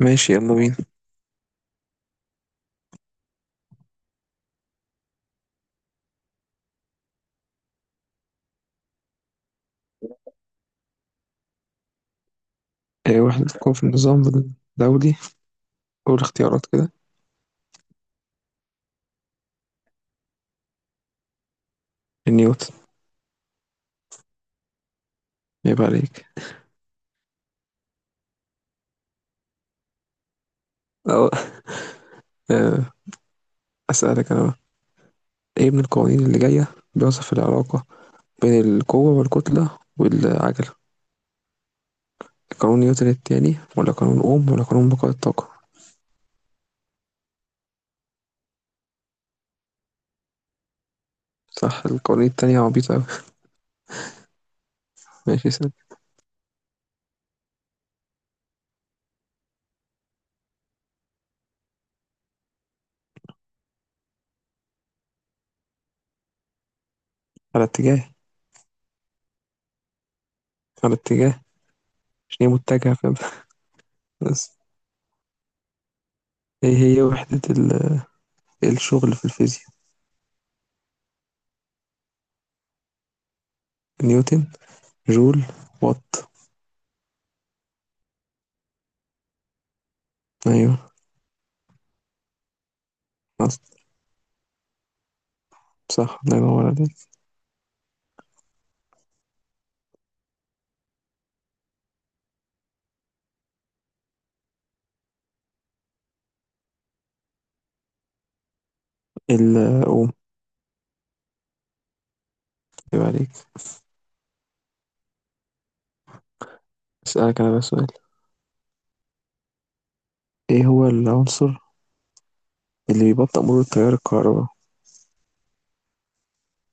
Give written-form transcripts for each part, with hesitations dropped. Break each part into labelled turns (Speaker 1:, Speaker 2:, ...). Speaker 1: ماشي، يلا بينا. آه، وحدة القوة في النظام الدولي. أول اختيارات كده. نيوتن. عيب عليك. أو. آه، أسألك أنا بقى، إيه من القوانين اللي جاية بيوصف العلاقة بين القوة والكتلة والعجلة؟ قانون نيوتن التاني ولا قانون أوم ولا قانون بقاء الطاقة؟ صح، القوانين التانية عبيطة أوي. ماشي سنة. على اتجاه. على اتجاه، عشان هي متجهة، فاهم. بس، إيه هي وحدة الشغل في الفيزياء؟ نيوتن. جول. وات. أيوه صح، الله ينور عليك. الأم. يبقى عليك. أسألك أنا بقى سؤال، إيه هو العنصر اللي بيبطئ مرور التيار الكهرباء،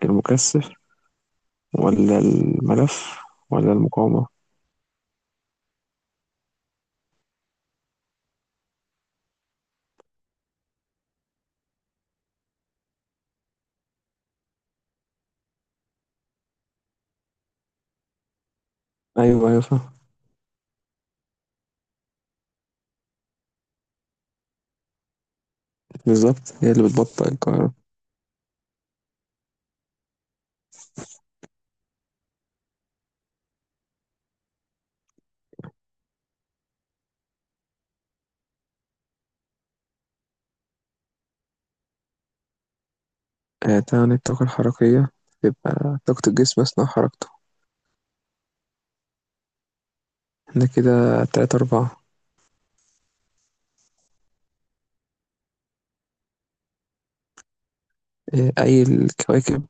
Speaker 1: المكثف ولا الملف ولا المقاومة؟ أيوه أيوه، فاهم. بالظبط، هي اللي بتبطئ الكهرباء. آه، تعني الطاقة الحركية تبقى طاقة الجسم أثناء حركته. احنا كده 3-4. آه، أي الكواكب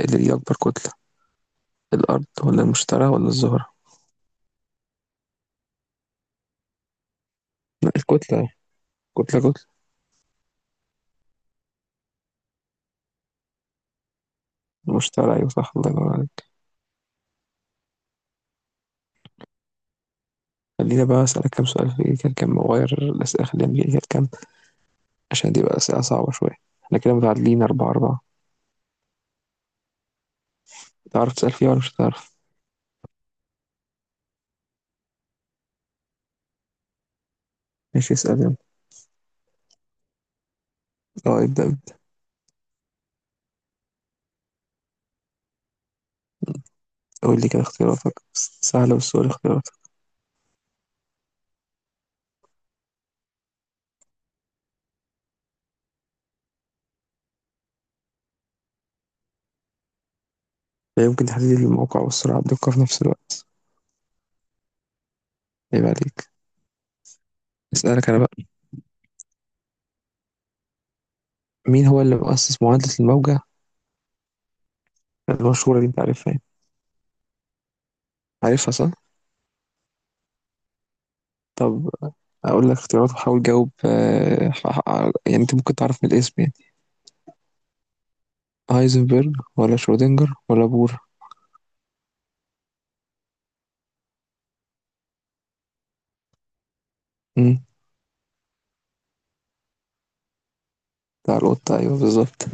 Speaker 1: اللي ليها أكبر كتلة، الأرض ولا المشتري ولا الزهرة؟ لا الكتلة، كتلة كتلة. المشتري، أيوه صح، الله ينور عليك. خلينا بقى أسألك كام سؤال، في كان كام مغير الأسئلة، خلينا نجيب كام. عشان دي بقى أسئلة صعبة شوية. احنا كده متعادلين، 4-4. تعرف تسأل فيها ولا مش هتعرف؟ ماشي اسأل، يلا. اه، ابدأ ابدأ. قول لي كده اختياراتك، بس سهلة، بس قول اختياراتك. لا يمكن تحديد الموقع والسرعة بدقة في نفس الوقت. عيب عليك. اسألك أنا بقى، مين هو اللي مؤسس معادلة الموجة المشهورة اللي أنت عارفها يعني؟ عارفها صح؟ طب، أقول لك اختيارات وحاول تجاوب، يعني أنت ممكن تعرف من الاسم، يعني. هايزنبرج ولا شرودنجر ولا بور؟ امم. بتاع القطة، أيوه بالظبط.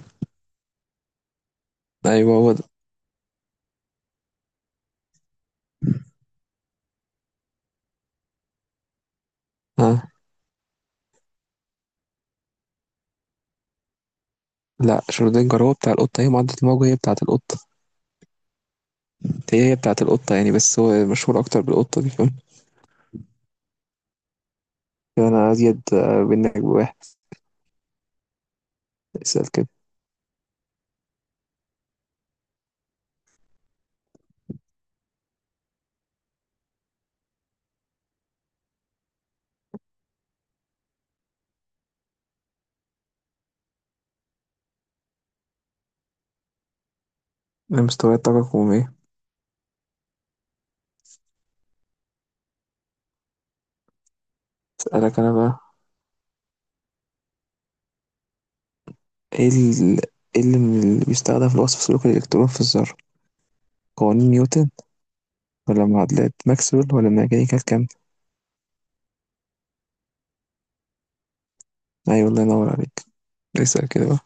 Speaker 1: أيوه هو ده. ها. لا، شرودنجر هو بتاع القطة، هي معضلة الموجة هي بتاعة القطة. هي بتاعة القطة يعني، بس هو مشهور أكتر بالقطة دي، فاهم. يعني أنا أزيد منك بواحد. اسأل كده. أنا مستويات طاقة كمية. أسألك أنا بقى، إيه ال- إيه اللي اللي بيستخدم في وصف سلوك الإلكترون في الذرة؟ قوانين نيوتن ولا معادلات ماكسويل ولا الميكانيكا الكم؟ أيوة الله ينور عليك. اسأل كده بقى.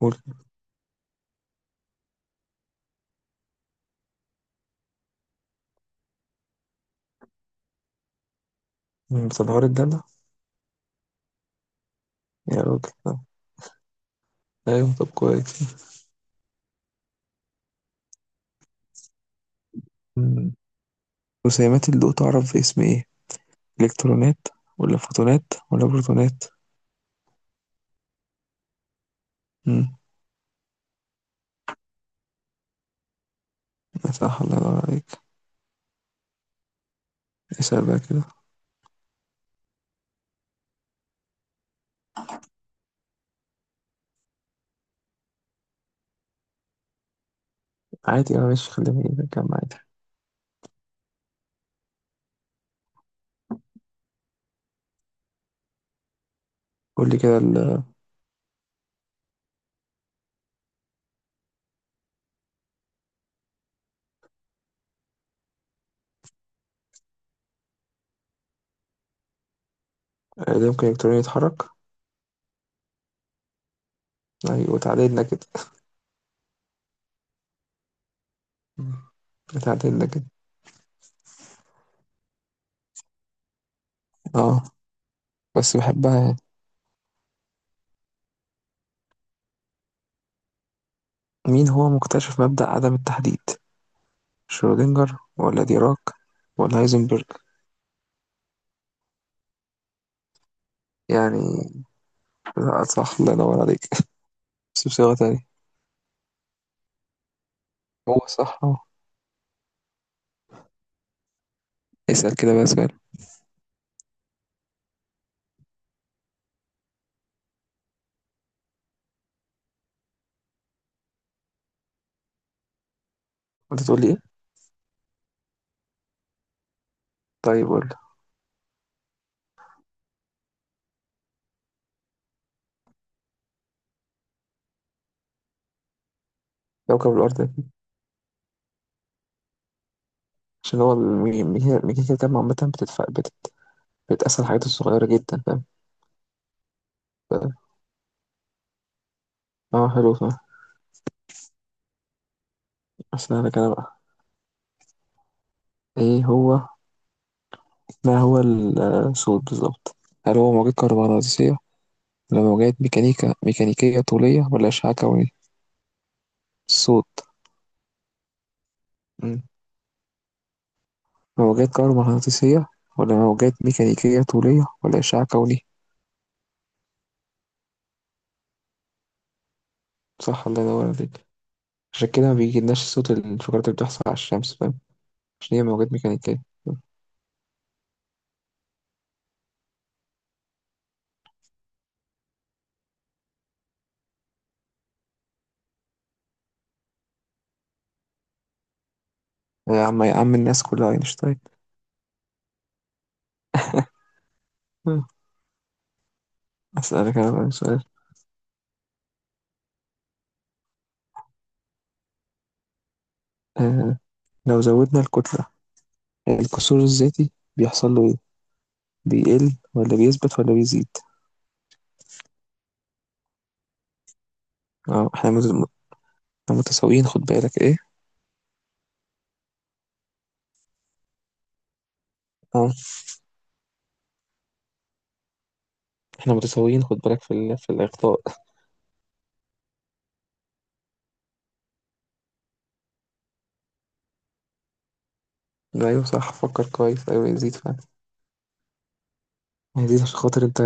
Speaker 1: قول. بتنهار الدالة. يا راجل، طب. أيوة، طب كويس. مم. رسيمات الضوء تعرف باسم إيه؟ الكترونات ولا فوتونات ولا بروتونات؟ امم. صح الله ينور عليك. اسال بقى كده. عادي اه، ماشي، خلينا نكمل عادي. قول لي كده. ده ممكن الكترون يتحرك. ايوه، اتعادلنا كده. مم. اتعادلنا كده. اه، بس بحبها يعني. مين هو مكتشف مبدأ عدم التحديد، شرودنجر ولا ديراك ولا هايزنبرج؟ يعني لا، صح الله ينور عليك. بس بصيغة تانية. هو صح اهو. اسأل كده بقى سؤال. انت تقول لي ايه؟ طيب قول لي. كوكب الأرض. عشان هو الميزانية الجامعة عامة بتدفع بتقسم الحاجات الصغيرة جدا، فاهم. ف- اه حلو، فاهم. أحسن أنا كده بقى. إيه هو ما هو الصوت بالظبط؟ هل هو موجات كهرومغناطيسية ولا موجات ميكانيكية طولية ولا أشعة كونية؟ الصوت. مم. موجات كهرومغناطيسية ولا موجات ميكانيكية طولية ولا أشعة كونية. صح الله ينور عليك. عشان كده ما بيجيلناش صوت الانفجارات اللي بتحصل على الشمس، فاهم. عشان هي موجات ميكانيكية. يا عم يا عم، الناس كلها أينشتاين. أسألك أنا بقى سؤال. آه لو زودنا الكتلة الكسور الذاتي بيحصل له إيه؟ بيقل ولا بيثبت ولا بيزيد؟ أه، إحنا متساويين، خد بالك إيه؟ أه، إحنا متساويين، خد بالك في الإخطاء. أيوه صح، فكر كويس، أيوه يزيد فعلا. هيزيد عشان خاطر أنت،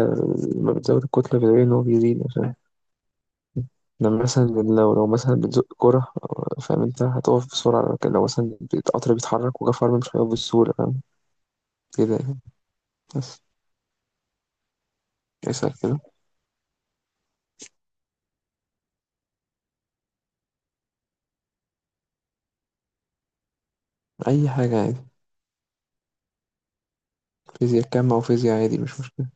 Speaker 1: لما بتزود الكتلة بتلاقي إن هو بيزيد، عشان لما مثلا، لو مثلا بتزق كرة، فاهم، أنت هتقف بسرعة، لكن لو مثلا القطر بيتحرك وجا فرمل مش هيقف بسهولة، فاهم. كده يعني. بس. اسأل كده. أي حاجة، عادي. فيزياء كم أو فيزياء عادي مش مشكلة.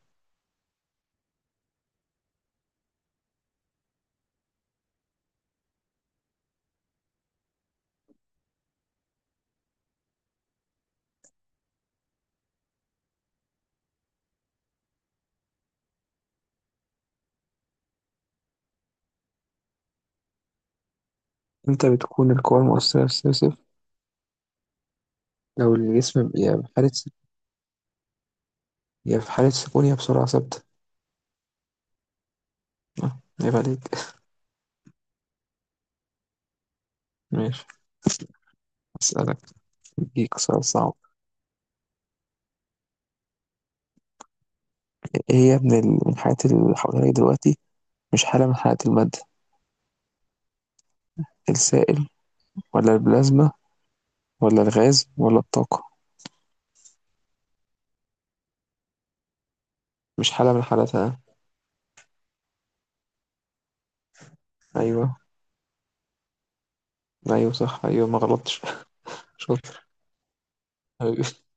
Speaker 1: أنت بتكون القوى المؤثرة في الصفر، لو الجسم يا في حالة سكون يا بسرعة ثابتة. آه، عيب عليك. ماشي، أسألك، أديك سؤال صعب. إيه هي من الحالات اللي حواليك دلوقتي، مش حالة من حالات المادة؟ السائل ولا البلازما ولا الغاز ولا الطاقة؟ مش حالة من حالاتها. أيوه أيوه صح، أيوه ما غلطتش. شكرا حبيبي.